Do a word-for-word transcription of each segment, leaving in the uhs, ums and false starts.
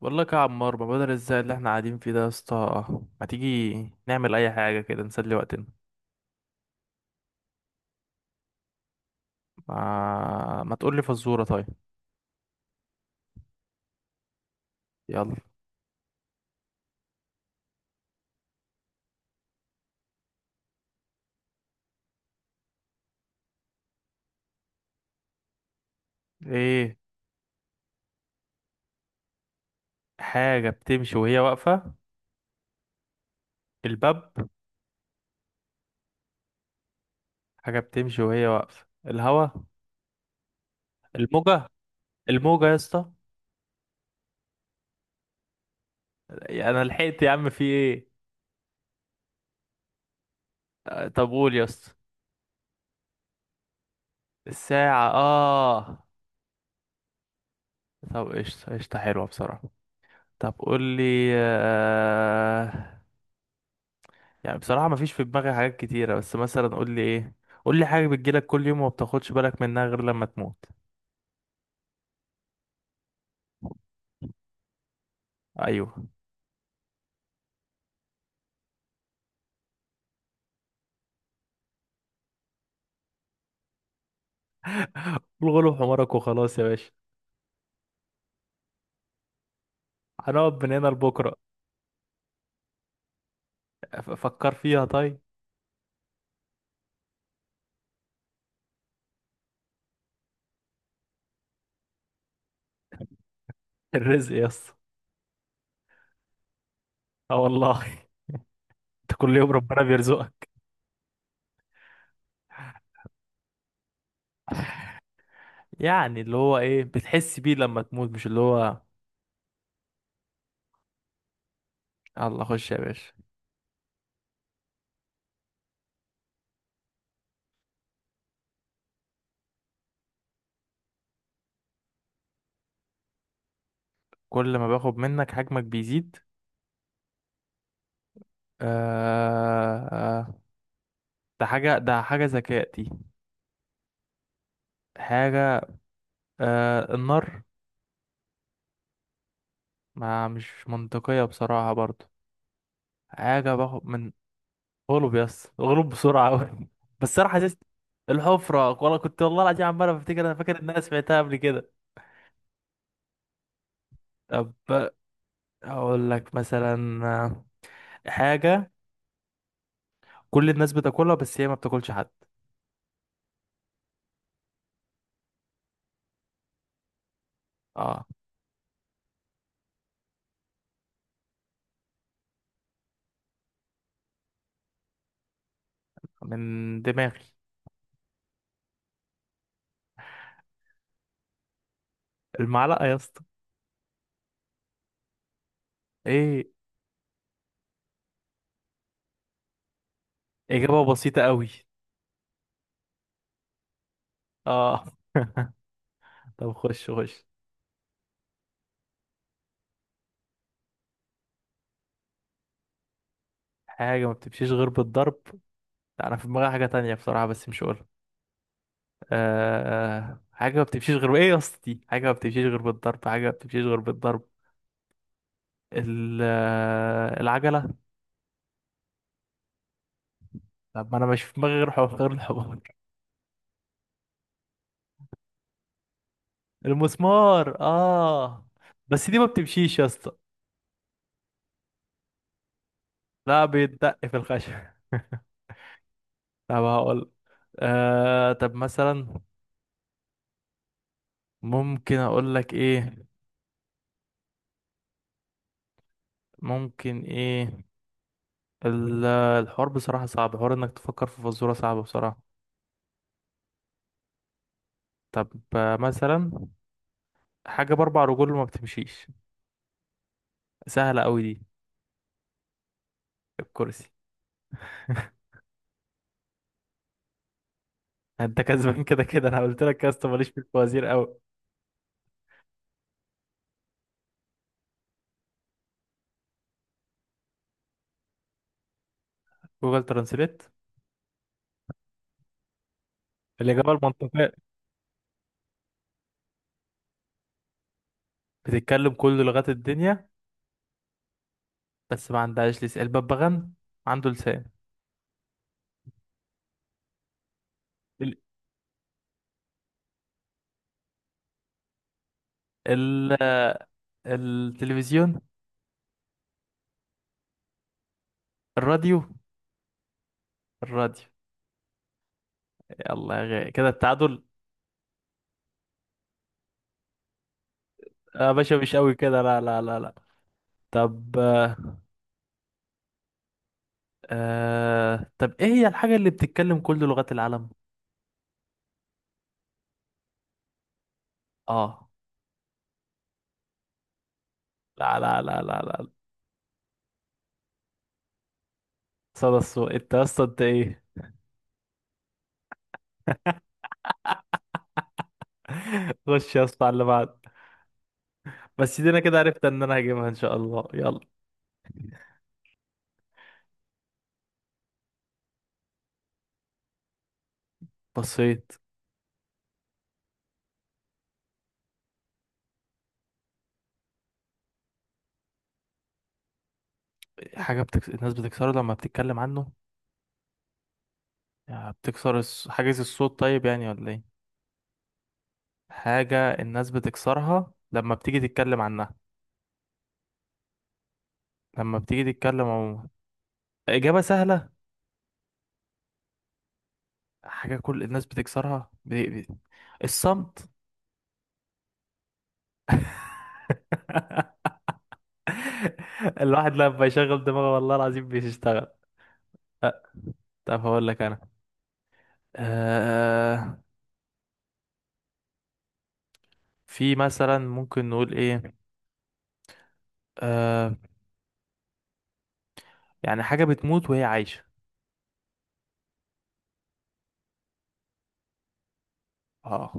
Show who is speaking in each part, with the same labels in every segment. Speaker 1: والله يا عمار، ما بدل الزهق اللي احنا قاعدين فيه ده يا اسطى، ما تيجي نعمل اي حاجه كده نسلي وقتنا. ما, ما تقول لي فزوره، طيب؟ يلا. ايه؟ حاجه بتمشي وهي واقفه؟ الباب. حاجه بتمشي وهي واقفه؟ الهوا. الموجه الموجه يا اسطى. انا لحقت يا عم، في ايه؟ آه، طب قول يا اسطى. الساعه. اه. طب، قشطه قشطه، حلوه بصراحه. طب قول لي آه... يعني بصراحة مفيش في دماغي حاجات كتيرة، بس مثلا قول لي ايه. قول لي: حاجة بتجيلك كل يوم وما بتاخدش بالك منها غير لما تموت. ايوه. الغلو حمارك وخلاص يا باشا. هنقعد من هنا لبكرة. ف- فكر فيها طيب. الرزق يا اسطى. اه والله. انت كل يوم ربنا بيرزقك. يعني اللي هو ايه بتحس بيه لما تموت، مش اللي هو. الله، خش يا باشا. كل ما باخد منك حجمك بيزيد. آه... آه، ده حاجة ده حاجة ذكاء دي. حاجة. آه... النار. ما مش منطقية بصراحة برضو. حاجة باخد من. غلب يس، غلب بسرعة أوي. بس أنا حاسس. الحفرة، والله كنت والله العظيم عمال بفتكر، أنا فاكر إن أنا سمعتها قبل كده. طب أقول لك مثلا آه، حاجة كل الناس بتاكلها بس هي ما بتاكلش حد. اه. من دماغي. المعلقة يا اسطى. ايه؟ إجابة بسيطة أوي. اه. طب، خش خش. حاجة ما بتمشيش غير بالضرب. لا، أنا في دماغي حاجة تانية بصراحة بس مش هقولها. آه آه، حاجة ما بتمشيش غير ايه يا اسطى؟ دي حاجة ما بتمشيش غير بالضرب، حاجة ما بتمشيش غير بالضرب. ال- آه، العجلة. طب ما انا مش في دماغي غير حوار، غير الحوار. المسمار. اه. بس دي ما بتمشيش يا اسطى. لا، بيتدق في الخشب. طب هقول. آه طب مثلا ممكن اقول لك ايه، ممكن ايه. ال- الحوار بصراحة صعب، حوار انك تفكر في فزورة صعبة بصراحة. طب آه، مثلا حاجة بأربع رجول وما بتمشيش، سهلة أوي دي. الكرسي. انت كسبان كده كده، انا قلت لك يا اسطى ماليش في الفوازير قوي. جوجل ترانسليت. الاجابه المنطقيه: بتتكلم كل لغات الدنيا بس ما عندهاش لسان. الببغان عنده لسان. ال... ال... التلفزيون. الراديو. الراديو. يلا يا غالي، كده التعادل. يا باشا مش قوي كده، لا، لا، لا، لا. طب آه... آه، طب ايه هي الحاجه اللي بتتكلم كل لغات العالم؟ اه. لا، لا، لا، لا، لا. صدى الصوت؟ انت يا اسطى انت ايه! خش يا اسطى على اللي بعد. بس دي انا كده عرفت ان انا هجيبها ان شاء الله، يلا. بصيت. حاجة بتكس... الناس بتكسره لما بتتكلم عنه. يعني بتكسر الص- حاجز الصوت، طيب يعني ولا ايه؟ حاجة الناس بتكسرها لما بتيجي تتكلم عنها. لما بتيجي تتكلم عموما. إجابة سهلة. حاجة كل الناس بتكسرها ب... ب... الصمت. الواحد لما يشغل دماغه والله العظيم بيشتغل. أه، طب هقول لك انا. أه... في مثلا ممكن نقول ايه. أه... يعني حاجة بتموت وهي عايشة. اه.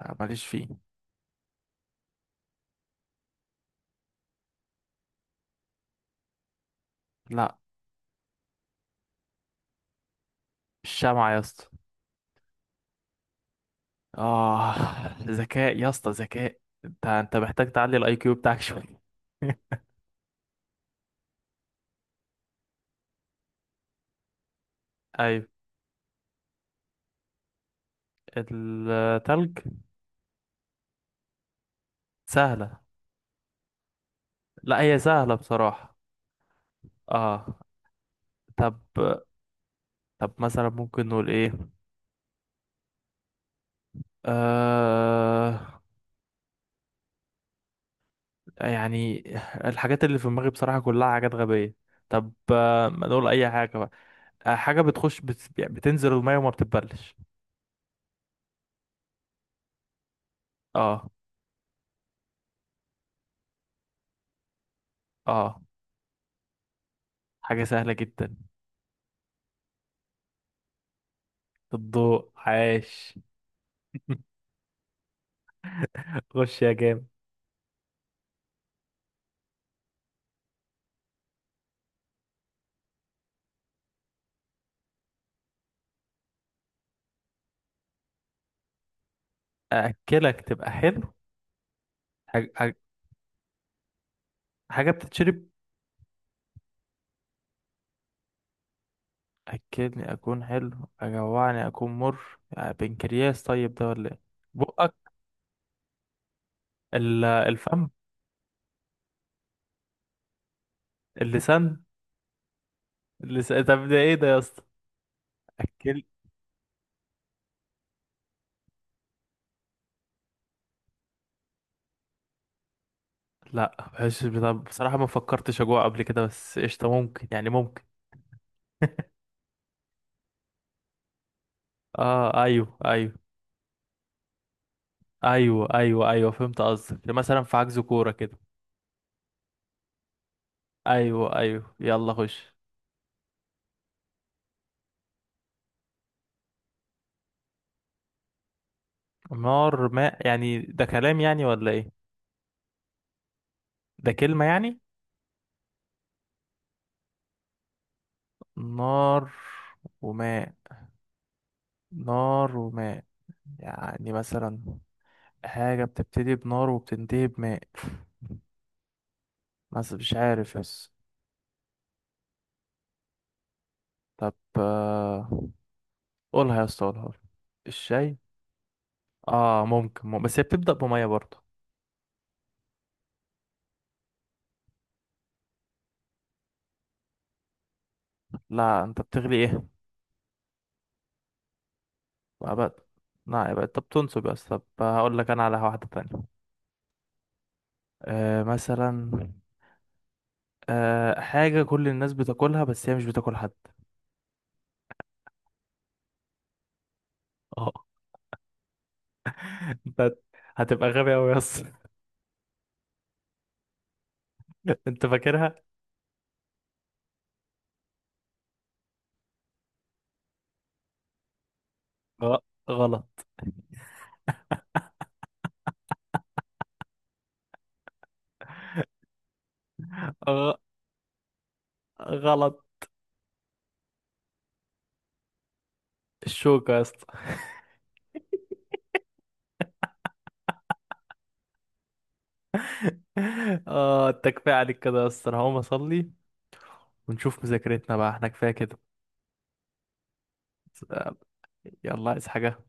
Speaker 1: لا، ماليش فيه. لا. الشمعة يا اسطى. اه. ذكاء يا اسطى ذكاء. انت انت محتاج تعلي الاي كيو بتاعك شوية. ايوه. التلج. سهلة. لا، هي سهلة بصراحة. اه. طب طب مثلا ممكن نقول ايه. آه يعني الحاجات اللي في دماغي بصراحة كلها حاجات غبية. طب آه، ما نقول اي حاجة بقى. آه، حاجة بتخش بت... يعني بتنزل المية وما بتتبلش. اه. اه. حاجة سهلة جدا. الضوء، عاش. خش يا جامد. أأكلك تبقى حلو. حاج- حاج- حاجة بتتشرب. أكلني أكون حلو، أجوعني أكون مر، يعني بنكرياس طيب ده ولا إيه؟ بقك. ال- الفم. اللسان. اللسان. طب ده إيه ده يا اسطى؟ أكل. لا، بحس بط- بصراحة ما فكرتش أجوع قبل كده، بس قشطة ممكن، يعني ممكن. آه، أيوه، أيوه. أيوه، أيوه، أيوه، فهمت قصدك، مثلا في عجز كورة كده. أيوه، أيوه، يلا خش. نار، ماء، يعني ده كلام يعني ولا ايه؟ ده كلمة يعني؟ نار وماء. نار وماء. يعني مثلا حاجة بتبتدي بنار وبتنتهي بماء، بس مش عارف بس. طب آه، قولها يا اسطى، قولها، قولها. الشاي. اه ممكن، مم- بس هي بتبدأ بمية برضه. لا، انت بتغلي ايه؟ بقى بقى. لا، يبقى انت بتنصب يا اسطى. طب هقول لك انا على واحدة تانية. آه مثلا آه حاجة كل الناس بتاكلها بس هي مش بتاكل حد. آه. انت هتبقى غبي قوي يا اسطى. انت فاكرها؟ غ- غلط. غ- غلط. الشوكة يا اسطى. اه، انت كفاية عليك كده يا اسطى، انا هقوم اصلي ونشوف مذاكرتنا بقى، احنا كفاية كده. آه، يلا، عايز حاجة؟